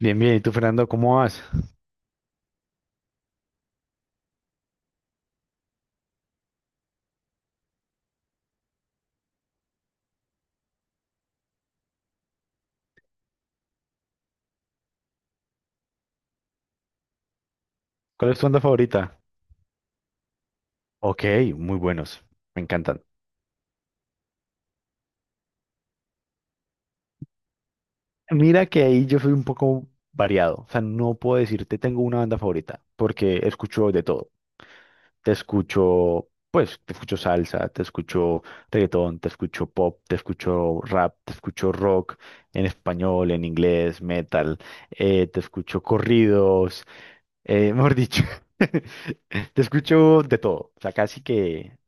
Bien, bien. ¿Y tú, Fernando, cómo vas? ¿Cuál es tu onda favorita? Ok, muy buenos. Me encantan. Mira que ahí yo soy un poco variado. O sea, no puedo decirte tengo una banda favorita porque escucho de todo. Te escucho, pues, te escucho salsa, te escucho reggaetón, te escucho pop, te escucho rap, te escucho rock en español, en inglés, metal, te escucho corridos, mejor dicho. Te escucho de todo, o sea, casi que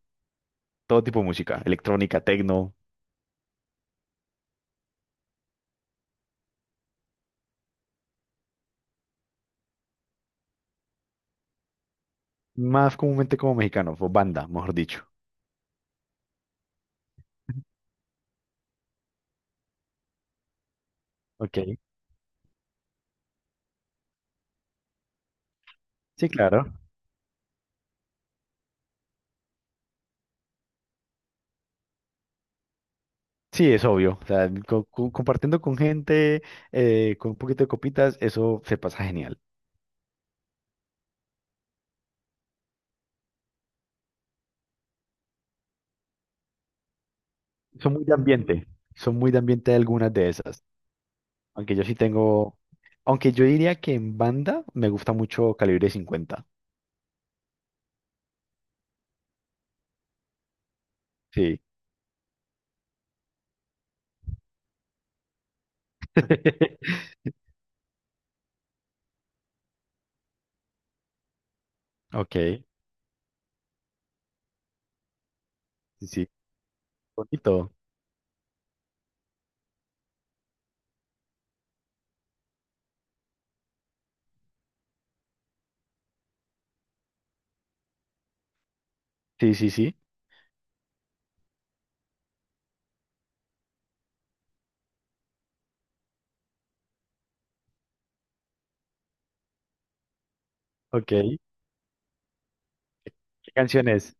todo tipo de música, electrónica, tecno, más comúnmente como mexicano, o banda, mejor dicho. Ok. Sí, claro. Sí, es obvio. O sea, compartiendo con gente, con un poquito de copitas, eso se pasa genial. Son muy de ambiente. Son muy de ambiente algunas de esas. Aunque yo sí tengo, aunque yo diría que en banda me gusta mucho Calibre 50. Sí. Ok. Sí, sí. Bonito. Sí, sí, sí. Ok. ¿Qué canción es?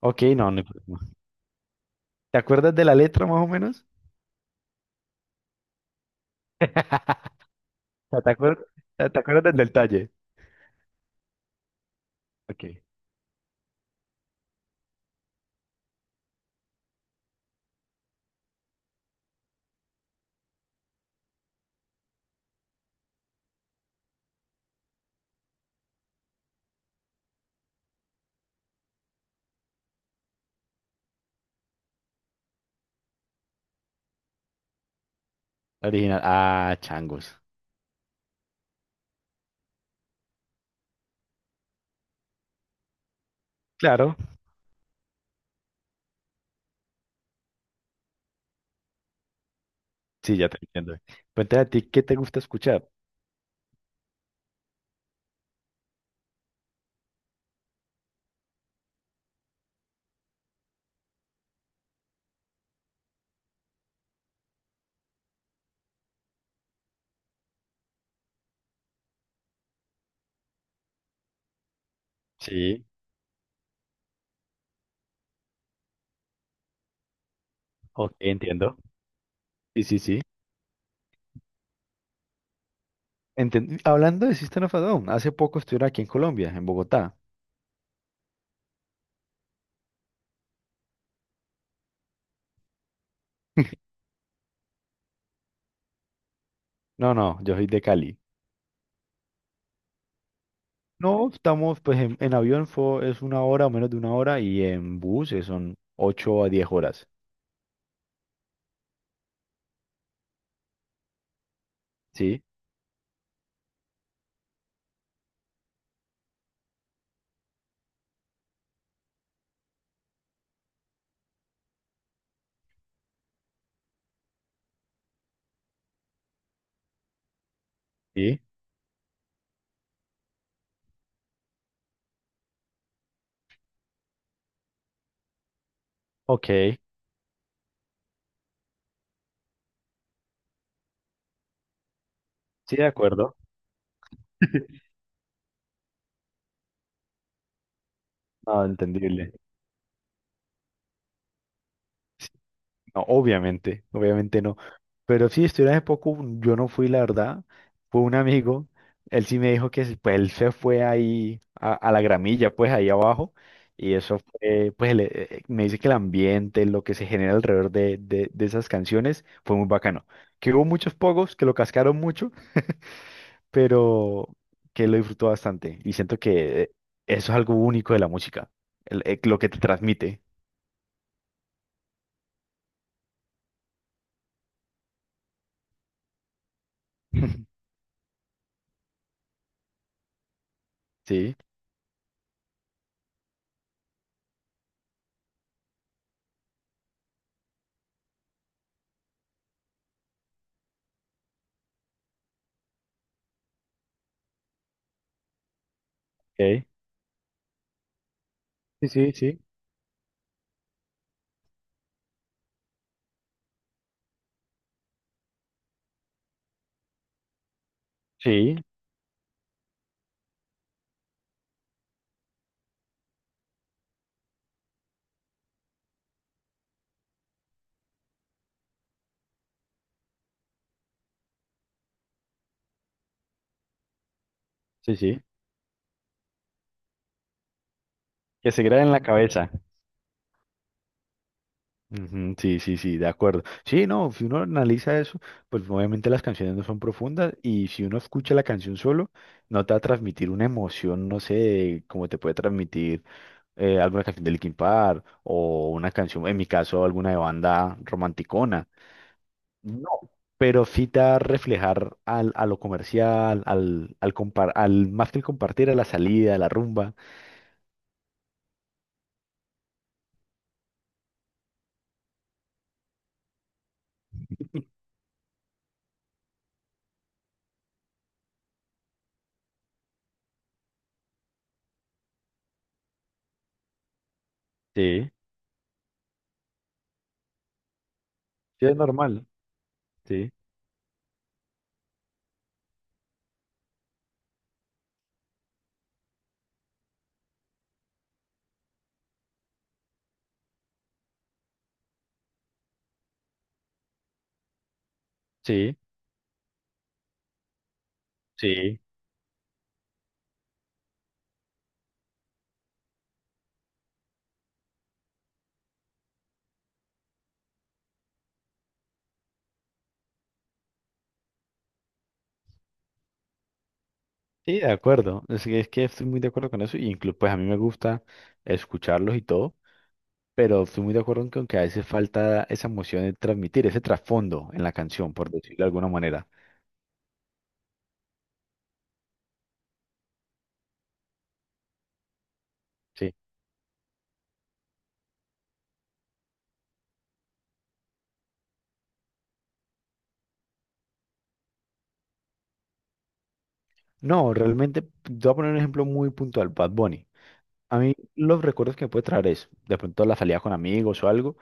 Ok, no, no. No. ¿Te acuerdas de la letra más o menos? O sea, ¿te acuerdas del detalle? Ok, original. Ah, changos. Claro, sí, ya te entiendo. Cuéntame a ti, ¿qué te gusta escuchar? Sí, ok, entiendo. Sí, sí, sí. Hablando de System of a Down, hace poco estuvieron aquí en Colombia, en Bogotá. No, no, yo soy de Cali. No, estamos, pues en avión es una hora o menos de una hora y en bus son 8 a 10 horas. Sí, sí, ok, sí, de acuerdo. Ah, entendible. No, obviamente, obviamente no. Pero sí, estuve hace poco, yo no fui, la verdad. Fue un amigo, él sí me dijo que pues, él se fue ahí a la gramilla, pues ahí abajo. Y eso fue, pues me dice que el ambiente, lo que se genera alrededor de esas canciones, fue muy bacano. Que hubo muchos pogos, que lo cascaron mucho, pero que lo disfrutó bastante. Y siento que eh, eso es algo único de la música, lo que te transmite. Sí, ok. Sí, sí, sí. Sí, sí, sí, que se queda en la cabeza. Ujú, sí, sí, sí, de acuerdo. Sí, no, si uno analiza eso, pues obviamente las canciones no son profundas y si uno escucha la canción solo, no te va a transmitir una emoción, no sé, como te puede transmitir alguna canción de Linkin Park o una canción, en mi caso, alguna de banda romanticona. No, pero sí te va a reflejar al, a lo comercial, al más que el compartir, a la salida, a la rumba. Sí, sí, es normal. Sí, sí, sí. Sí, de acuerdo. Es que estoy muy de acuerdo con eso. Y incluso, pues a mí me gusta escucharlos y todo, pero estoy muy de acuerdo en que, aunque a veces falta esa emoción de transmitir, ese trasfondo en la canción, por decirlo de alguna manera. Sí. No, realmente, te voy a poner un ejemplo muy puntual, Bad Bunny. A mí los recuerdos que me puede traer es de pronto la salida con amigos o algo,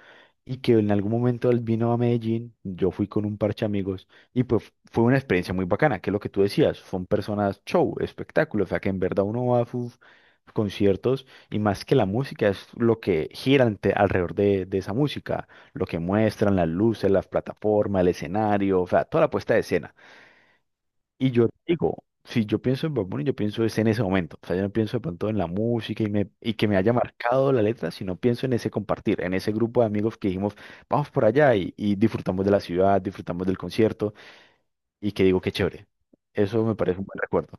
y que en algún momento él vino a Medellín, yo fui con un parche de amigos, y pues fue una experiencia muy bacana, que es lo que tú decías, son personas show, espectáculo, o sea que en verdad uno va a sus conciertos y más que la música es lo que gira alrededor de esa música, lo que muestran, las luces, las plataformas, el escenario, o sea, toda la puesta de escena. Y yo digo, si yo pienso en Bad Bunny, yo pienso es en ese momento. O sea, yo no pienso de pronto en la música y que me haya marcado la letra, sino pienso en ese compartir, en ese grupo de amigos que dijimos, vamos por allá y disfrutamos de la ciudad, disfrutamos del concierto y que digo, qué chévere. Eso me parece un buen recuerdo.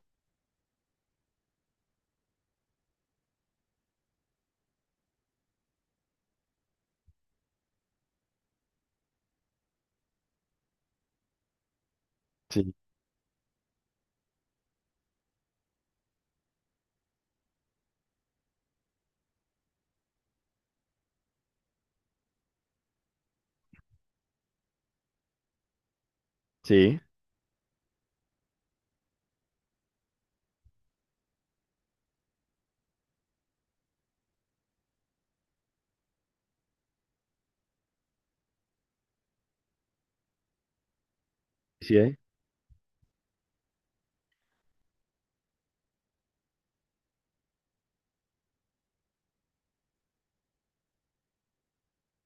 Sí, sí, sí, ¿eh?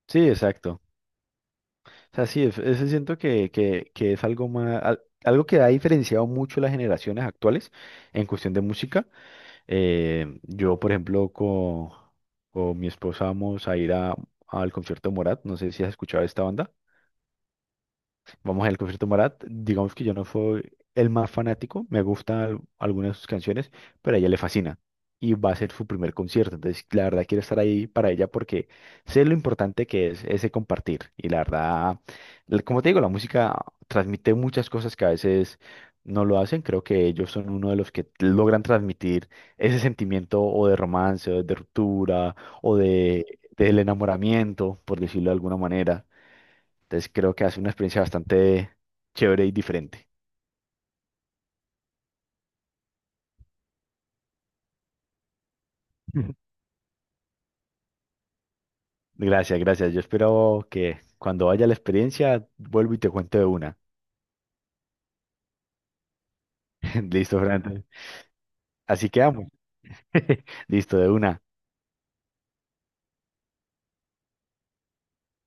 Sí, exacto. O sea, sí, ese siento que es algo más, algo que ha diferenciado mucho las generaciones actuales en cuestión de música. Yo, por ejemplo, con, mi esposa vamos a ir al concierto de Morat. No sé si has escuchado esta banda. Vamos al concierto de Morat. Digamos que yo no soy el más fanático, me gustan algunas de sus canciones, pero a ella le fascina y va a ser su primer concierto. Entonces, la verdad, quiero estar ahí para ella porque sé lo importante que es ese compartir. Y la verdad, como te digo, la música transmite muchas cosas que a veces no lo hacen. Creo que ellos son uno de los que logran transmitir ese sentimiento o de romance, o de ruptura, o del enamoramiento, por decirlo de alguna manera. Entonces creo que hace una experiencia bastante chévere y diferente. Gracias, gracias. Yo espero que cuando vaya la experiencia, vuelvo y te cuento de una. Listo, Fran. Así quedamos. Listo, de una.